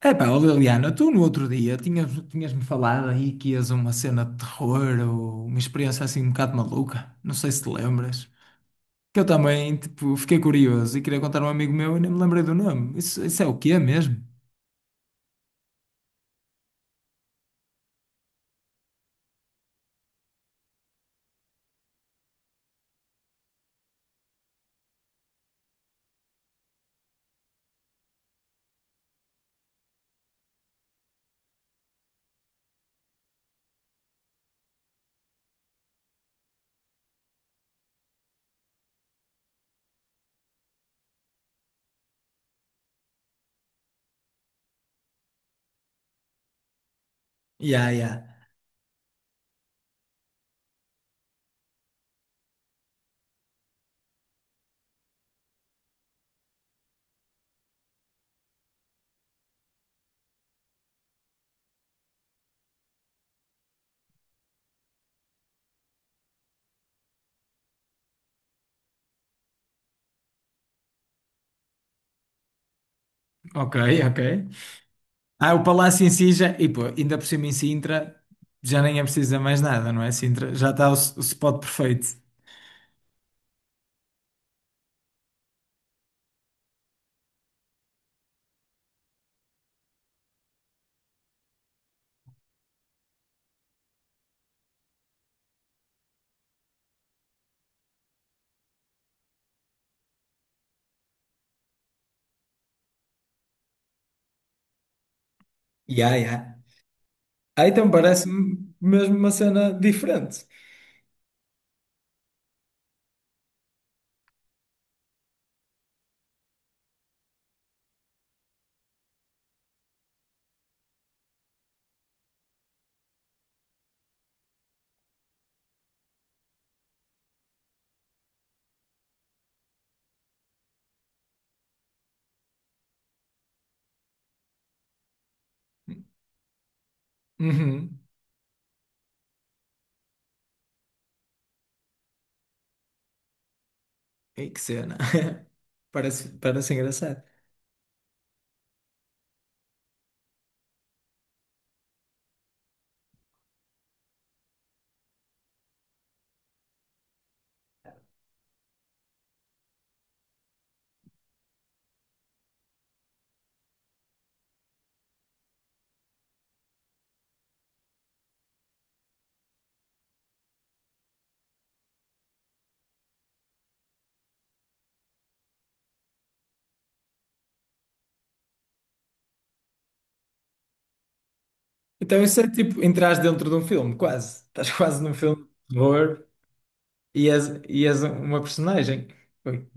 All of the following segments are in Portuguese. Epá, ó Liliana, tu no outro dia tinhas-me falado aí que ias a uma cena de terror ou uma experiência assim um bocado maluca. Não sei se te lembras. Que eu também, tipo, fiquei curioso e queria contar a um amigo meu e nem me lembrei do nome. Isso é o quê mesmo? Yeah, yeah. Ok, ok. Ah, o Palácio em Sintra, e pô, ainda por cima em Sintra, já nem é preciso dizer mais nada, não é? Sintra, já está o spot perfeito. Yeah, yeah. Ah, então parece-me mesmo uma cena diferente. Uhum. Ei, que cena. Parece engraçado. Então isso é tipo, entras dentro de um filme, quase. Estás quase num filme de terror e és uma personagem. Ui.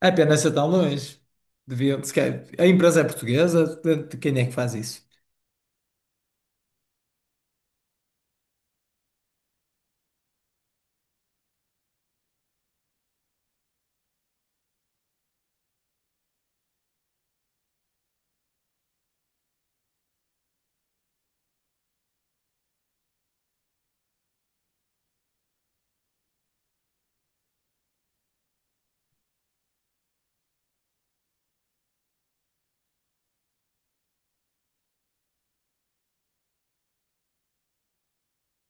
É pena ser tão longe. Devia, se calhar- a empresa é portuguesa, de quem é que faz isso?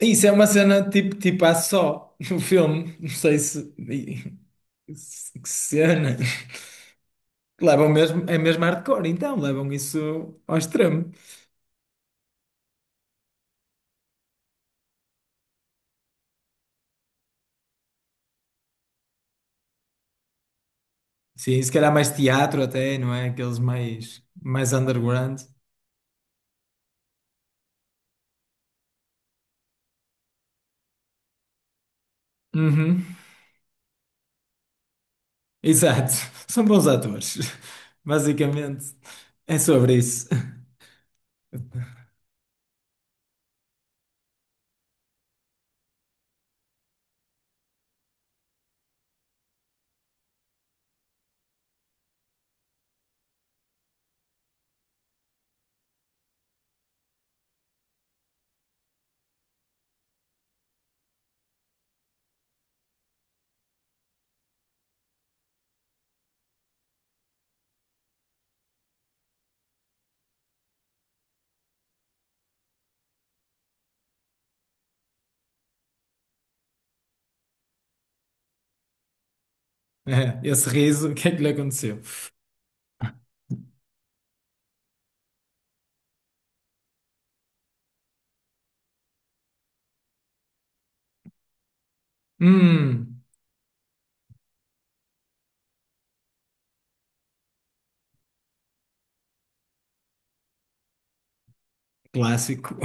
Isso é uma cena tipo, há só no filme. Não sei se... Que cena. Levam mesmo, é mesmo hardcore, então, levam isso ao extremo. Sim, se calhar mais teatro até, não é? Aqueles mais underground. Uhum. Exato. São bons atores. Basicamente, é sobre isso. É, esse riso, o que é que lhe aconteceu? Hum. Clássico.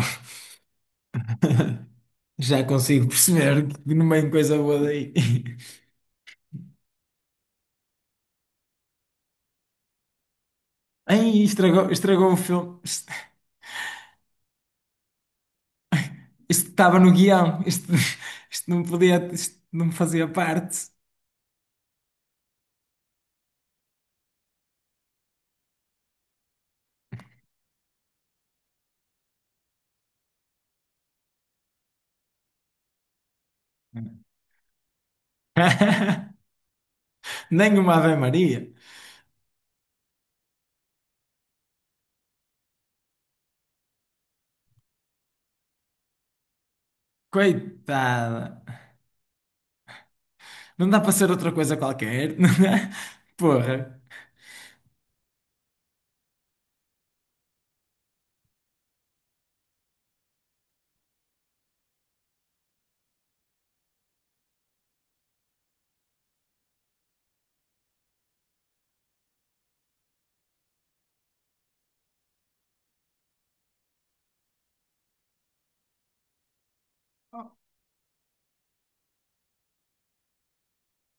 Já consigo perceber que não vem coisa boa daí. Ai, estragou o filme. Isto estava no guião. Isto, isto não podia, isto não fazia parte. Nem uma Ave Maria. Coitada. Não dá para ser outra coisa qualquer. Porra.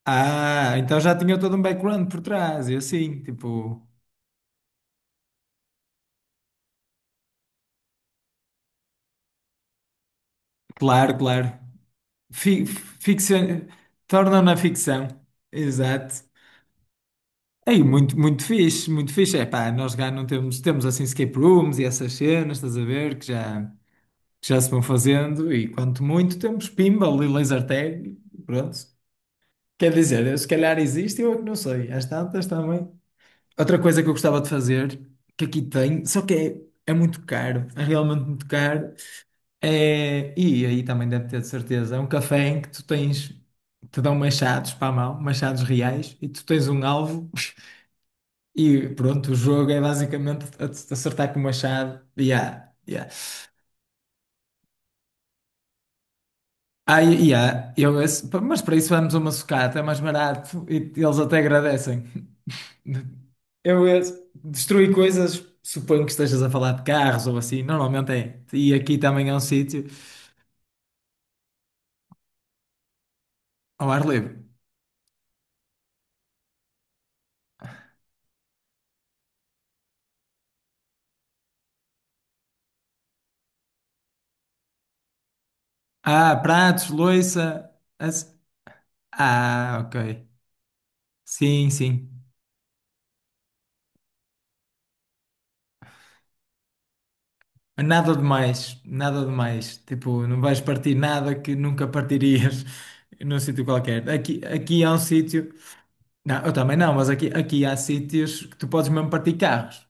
Ah, então já tinha todo um background por trás. E assim tipo, claro, claro. Ficção, torna-na ficção. Exato. Aí, muito, muito fixe, muito fixe. É pá, nós já não temos, assim escape rooms e essas cenas, estás a ver, que já se vão fazendo. E quanto muito temos pinball e laser tag, e pronto. Quer dizer, se calhar existe, eu é que não sei. Às tantas também. Outra coisa que eu gostava de fazer, que aqui tem, só que é muito caro, é realmente muito caro, e aí também deve ter de certeza, é um café em que te dão machados para a mão, machados reais, e tu tens um alvo, e pronto, o jogo é basicamente acertar com o machado, e há. Ah, há, mas para isso vamos a uma sucata, é mais barato, e eles até agradecem. Eu ia destruir coisas, suponho que estejas a falar de carros ou assim, normalmente é. E aqui também é um sítio ao ar livre. Ah, pratos, louça. as- Ah, ok. Sim, sim. Nada demais, nada demais. Tipo, não vais partir nada que nunca partirias num sítio qualquer. Aqui há um sítio. Não, eu também não, mas aqui há sítios que tu podes mesmo partir carros.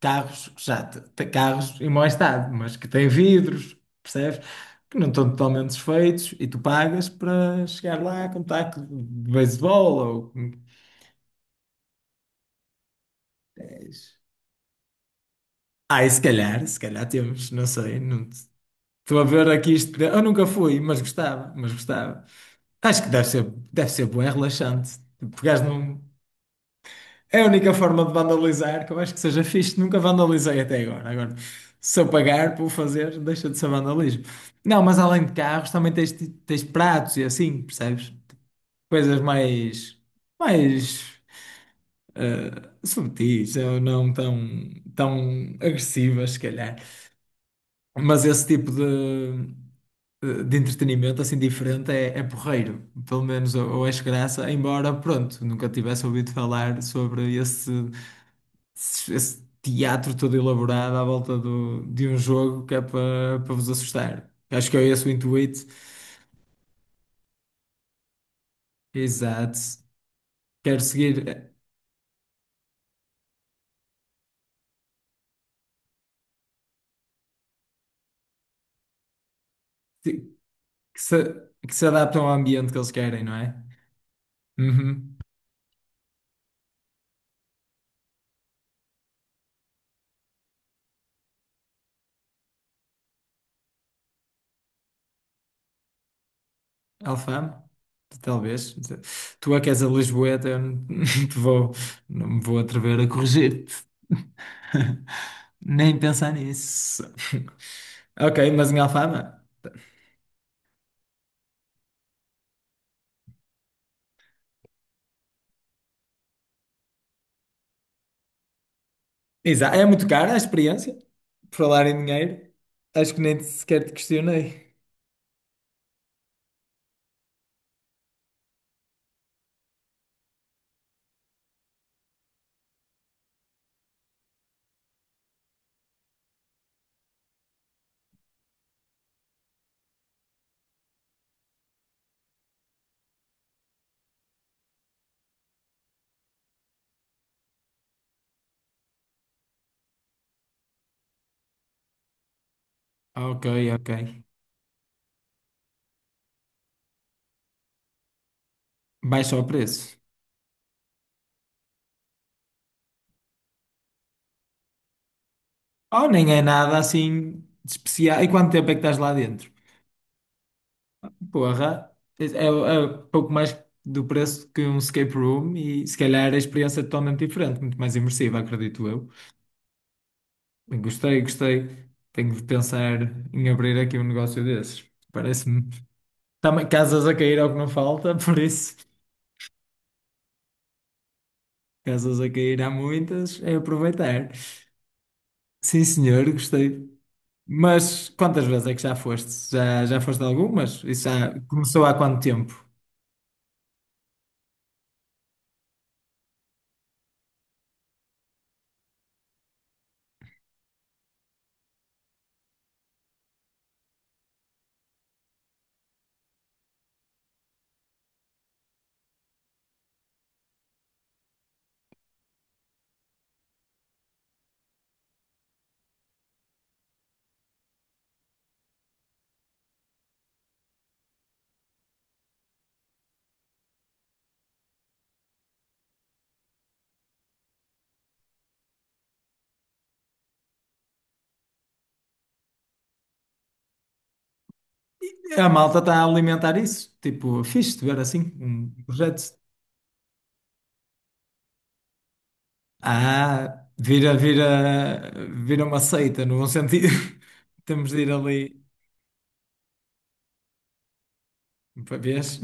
Carros que já te- te- carros em mau estado, mas que têm vidros, percebes? Que não estão totalmente desfeitos e tu pagas para chegar lá com um taco de beisebol ou com- Ah, e se calhar temos, não sei, não te- estou a ver aqui isto. Eu nunca fui, mas gostava, mas gostava. Acho que deve ser bom, é relaxante. Pegares num, é a única forma de vandalizar que eu acho que seja fixe. Nunca vandalizei até agora. Agora, se eu pagar por fazer, deixa de ser vandalismo. Não, mas além de carros, também tens pratos e assim, percebes? Coisas mais subtis ou não tão agressivas, se calhar. Mas esse tipo de entretenimento assim diferente é porreiro. Pelo menos eu acho graça, embora, pronto, nunca tivesse ouvido falar sobre esse teatro todo elaborado à volta de um jogo que é para vos assustar. Acho que é esse o intuito. Exato. Quero seguir que se, se adaptam ao ambiente que eles querem, não é? Uhum. Alfama? Talvez. Tu é que és a Lisboeta, eu não te vou, não me vou atrever a corrigir-te. Nem pensar nisso. Ok, mas em Alfama? Exato. É muito cara a experiência, por falar em dinheiro. Acho que nem sequer te questionei. Ok, ok. Baixa o preço. Oh, nem é nada assim de especial. E quanto tempo é que estás lá dentro? Porra, é pouco mais do preço que um escape room e se calhar a experiência é totalmente diferente, muito mais imersiva, acredito eu. Bem, gostei, gostei. Tenho de pensar em abrir aqui um negócio desses. Parece-me. Também casas a cair ao que não falta, por isso casas a cair há muitas, é aproveitar. Sim, senhor, gostei. Mas quantas vezes é que já foste? Já foste algumas? Isso já começou há quanto tempo? A malta está a alimentar isso. Tipo, fixe de ver assim, um projeto. Ah, vira, vira uma seita, no bom sentido. Temos de ir ali para vês.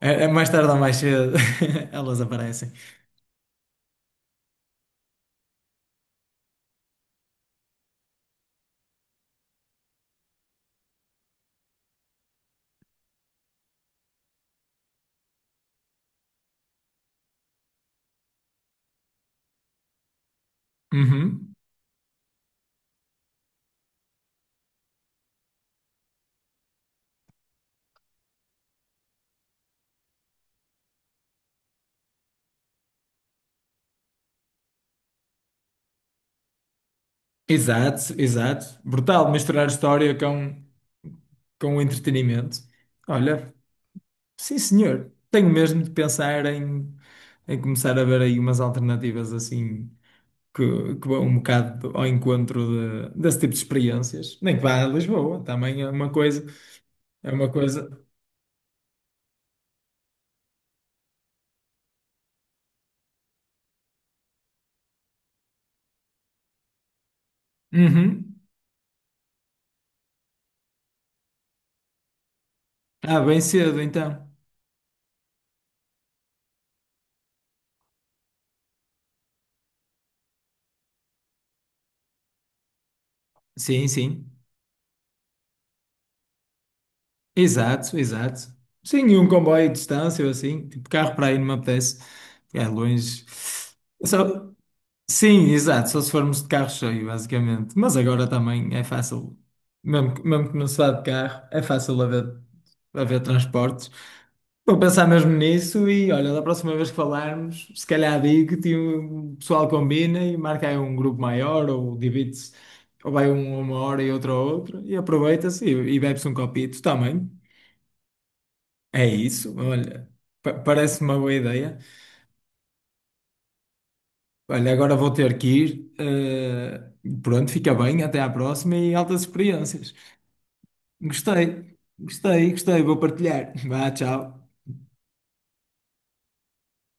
Mais tarde ou mais cedo, elas aparecem. Uhum. Exato, exato. Brutal misturar história com o entretenimento. Olha, sim senhor, tenho mesmo de pensar em começar a ver aí umas alternativas assim que, que vão um bocado ao encontro desse tipo de experiências. Nem que vá a Lisboa, também é uma coisa, é uma coisa. Uhum. Ah, bem cedo então. Sim, sim. Exato, exato. Sim, e um comboio de distância ou assim, tipo carro para aí não me apetece. É longe. Só. Sim, exato, só se formos de carro cheio, basicamente. Mas agora também é fácil, mesmo, mesmo que não se vá de carro, é fácil haver transportes. Vou pensar mesmo nisso e olha, da próxima vez que falarmos, se calhar digo-te, e o pessoal combina e marca aí um grupo maior ou divide-se, ou vai um a uma hora e outro a outra e aproveita-se e bebe-se um copito também. É isso, olha, parece uma boa ideia. Olha, agora vou ter que ir. Pronto, fica bem. Até à próxima e altas experiências. Gostei, gostei, gostei. Vou partilhar. Vá, tchau.